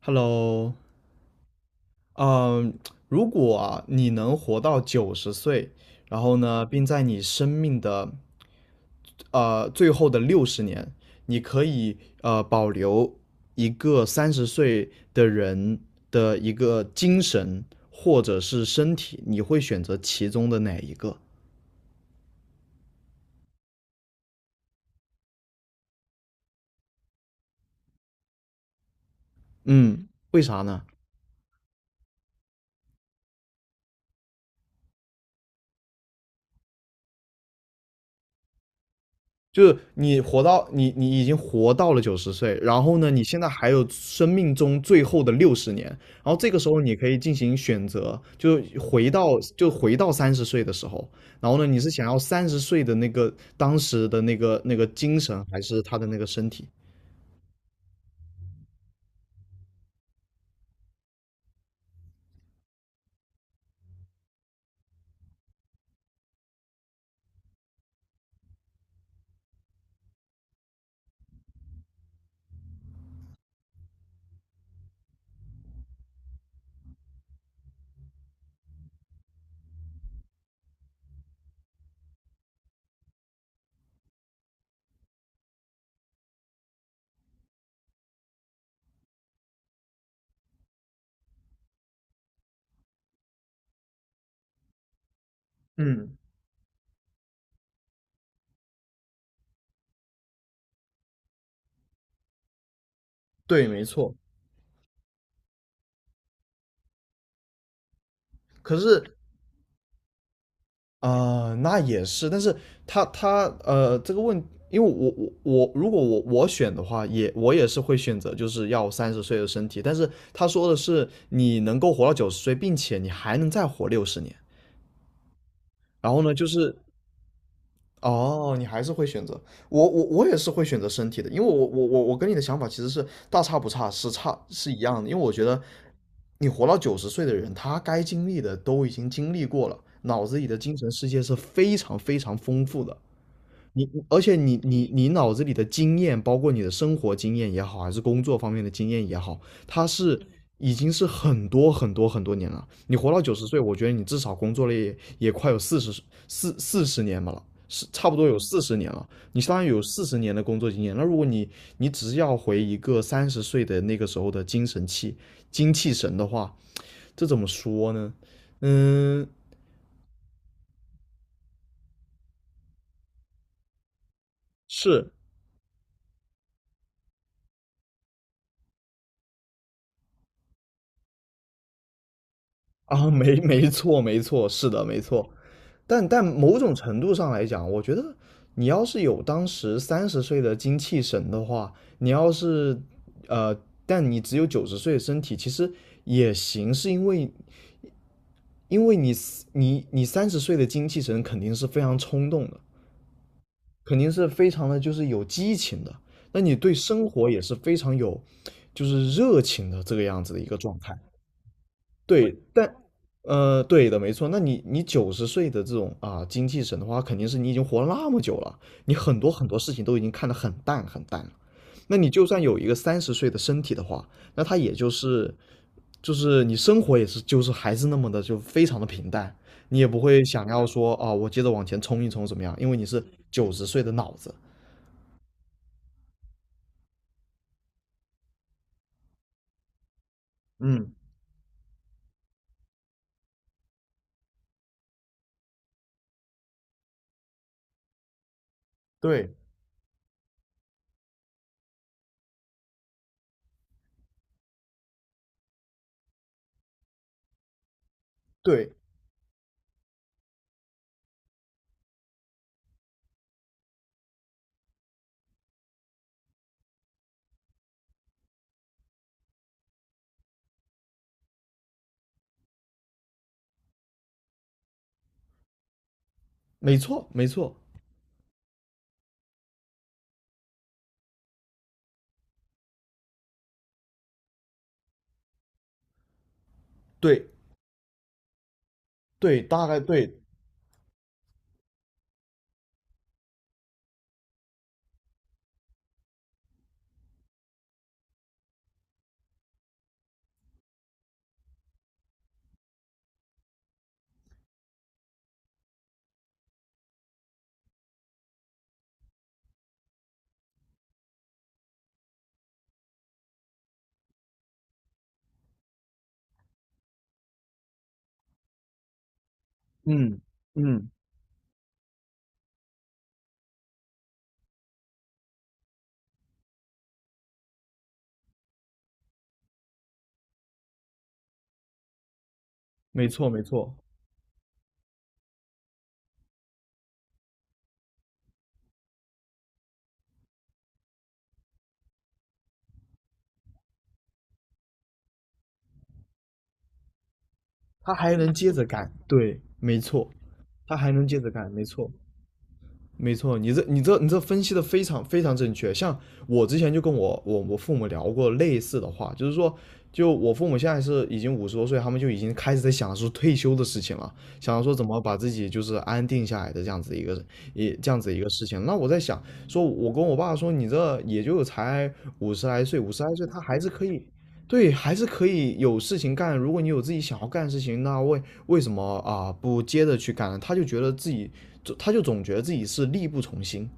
Hello，嗯，如果啊你能活到九十岁，然后呢，并在你生命的最后的六十年，你可以保留一个三十岁的人的一个精神或者是身体，你会选择其中的哪一个？嗯，为啥呢？就是你已经活到了九十岁，然后呢，你现在还有生命中最后的六十年，然后这个时候你可以进行选择，就回到三十岁的时候，然后呢，你是想要三十岁的那个当时的那个精神，还是他的那个身体？嗯，对，没错。可是啊、那也是，但是他他呃，这个问，因为我我我，如果我选的话，也也是会选择就是要三十岁的身体，但是他说的是你能够活到九十岁，并且你还能再活六十年，然后呢，就是哦，你还是会选择我也是会选择身体的，因为我跟你的想法其实是大差不差，是一样的，因为我觉得你活到九十岁的人，他该经历的都已经经历过了，脑子里的精神世界是非常非常丰富的。而且你脑子里的经验，包括你的生活经验也好，还是工作方面的经验也好，它是嗯已经是很多很多很多年了。你活到九十岁，我觉得你至少工作了也快有四十年吧了，是差不多有四十年了。你相当于有四十年的工作经验。那如果你只是要回一个三十岁的那个时候的精气神的话，这怎么说呢？嗯，是啊，没错没错，是的，没错。但某种程度上来讲，我觉得你要是有当时三十岁的精气神的话，你要是呃，但你只有九十岁的身体，其实也行，是因为你三十岁的精气神肯定是非常冲动的，肯定是非常的就是有激情的，那你对生活也是非常有就是热情的这个样子的一个状态。对，对的，没错。那你九十岁的这种啊精气神的话，肯定是你已经活了那么久了，你很多很多事情都已经看得很淡很淡了。那你就算有一个三十岁的身体的话，那他也就是就是你生活也是就是还是那么的就非常的平淡，你也不会想要说啊我接着往前冲一冲怎么样，因为你是九十岁的脑子。嗯，对对，没错没错，对对，大概对，嗯嗯，没错没错。他还能接着干，对，没错，他还能接着干，没错，没错，你这分析的非常非常正确。像我之前就跟我父母聊过类似的话，就是说，就我父母现在是已经50多岁，他们就已经开始在想说退休的事情了，想说怎么把自己就是安定下来的这样子一个事情。那我在想，说我跟我爸说，你这也就才五十来岁，五十来岁他还是可以对，还是可以有事情干。如果你有自己想要干的事情，那为什么啊、不接着去干呢他就总觉得自己是力不从心，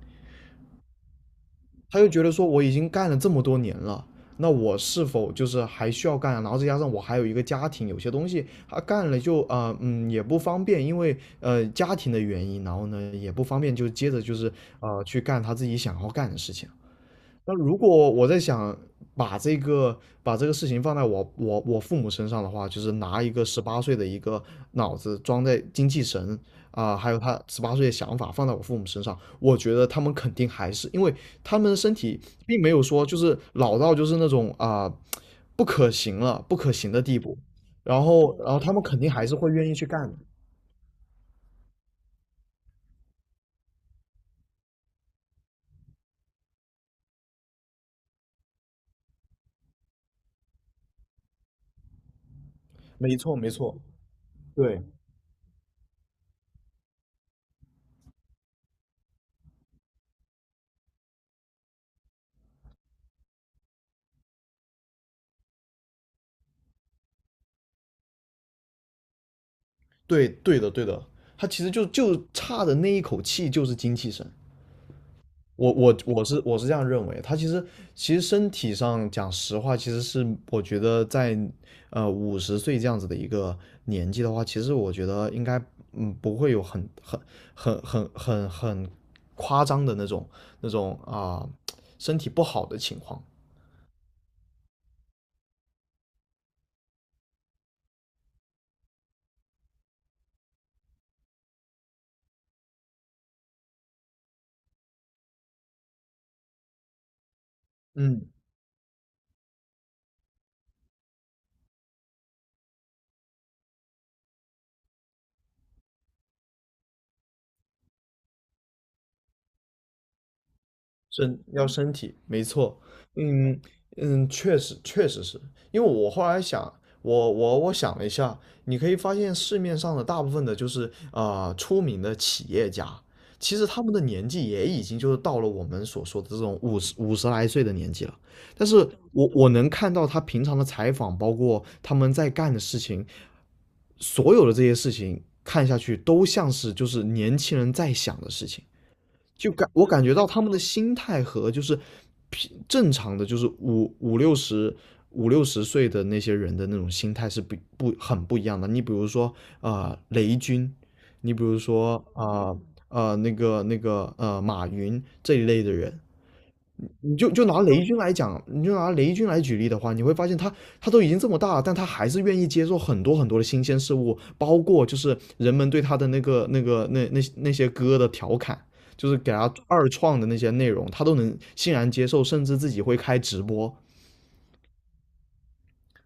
他就觉得说我已经干了这么多年了，那我是否就是还需要干啊然后再加上我还有一个家庭，有些东西他干了就啊、也不方便，因为家庭的原因，然后呢也不方便就接着就是去干他自己想要干的事情。那如果我在想把这个把这个事情放在我父母身上的话，就是拿一个十八岁的一个脑子装在精气神啊、还有他十八岁的想法放在我父母身上，我觉得他们肯定还是因为他们的身体并没有说就是老到就是那种啊、不可行的地步，然后他们肯定还是会愿意去干的。没错，没错，对，对，对的对的，他其实就差的那一口气就是精气神。我是这样认为，他其实身体上讲实话，其实是我觉得在50岁这样子的一个年纪的话，其实我觉得应该不会有很夸张的那种啊、身体不好的情况。嗯。身体，没错，嗯嗯，确实确实是因为我后来想，我想了一下，你可以发现市面上的大部分的就是出名的企业家，其实他们的年纪也已经就是到了我们所说的这种五十来岁的年纪了，但是我能看到他平常的采访，包括他们在干的事情，所有的这些事情看下去都像是就是年轻人在想的事情。我感觉到他们的心态和就是正常的，就是五六十岁的那些人的那种心态是不不很不一样的。你比如说啊、雷军，你比如说啊那个马云这一类的人，你就拿雷军来讲，你就拿雷军来举例的话，你会发现他都已经这么大了，但他还是愿意接受很多很多的新鲜事物，包括就是人们对他的那些歌的调侃，就是给他二创的那些内容，他都能欣然接受，甚至自己会开直播，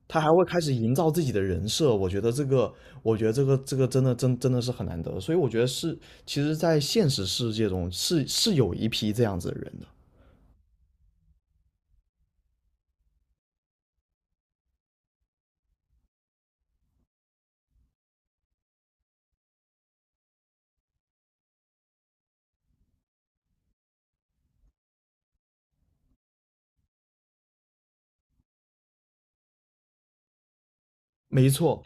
他还会开始营造自己的人设。我觉得这个真的是很难得，所以我觉得是，其实，在现实世界中是有一批这样子的人的，没错，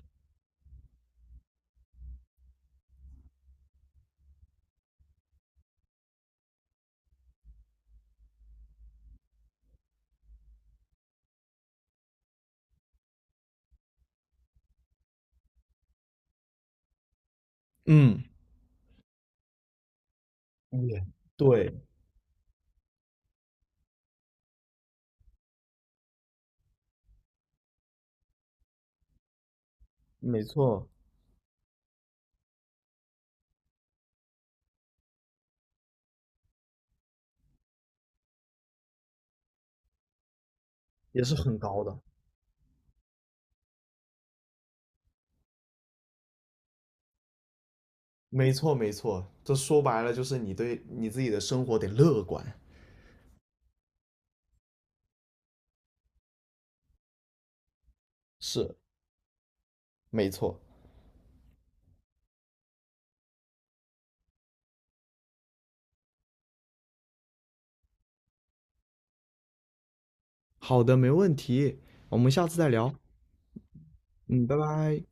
嗯，也对。没错，也是很高的。没错，没错，这说白了就是你对你自己的生活得乐观。是，没错。好的，没问题，我们下次再聊。嗯，拜拜。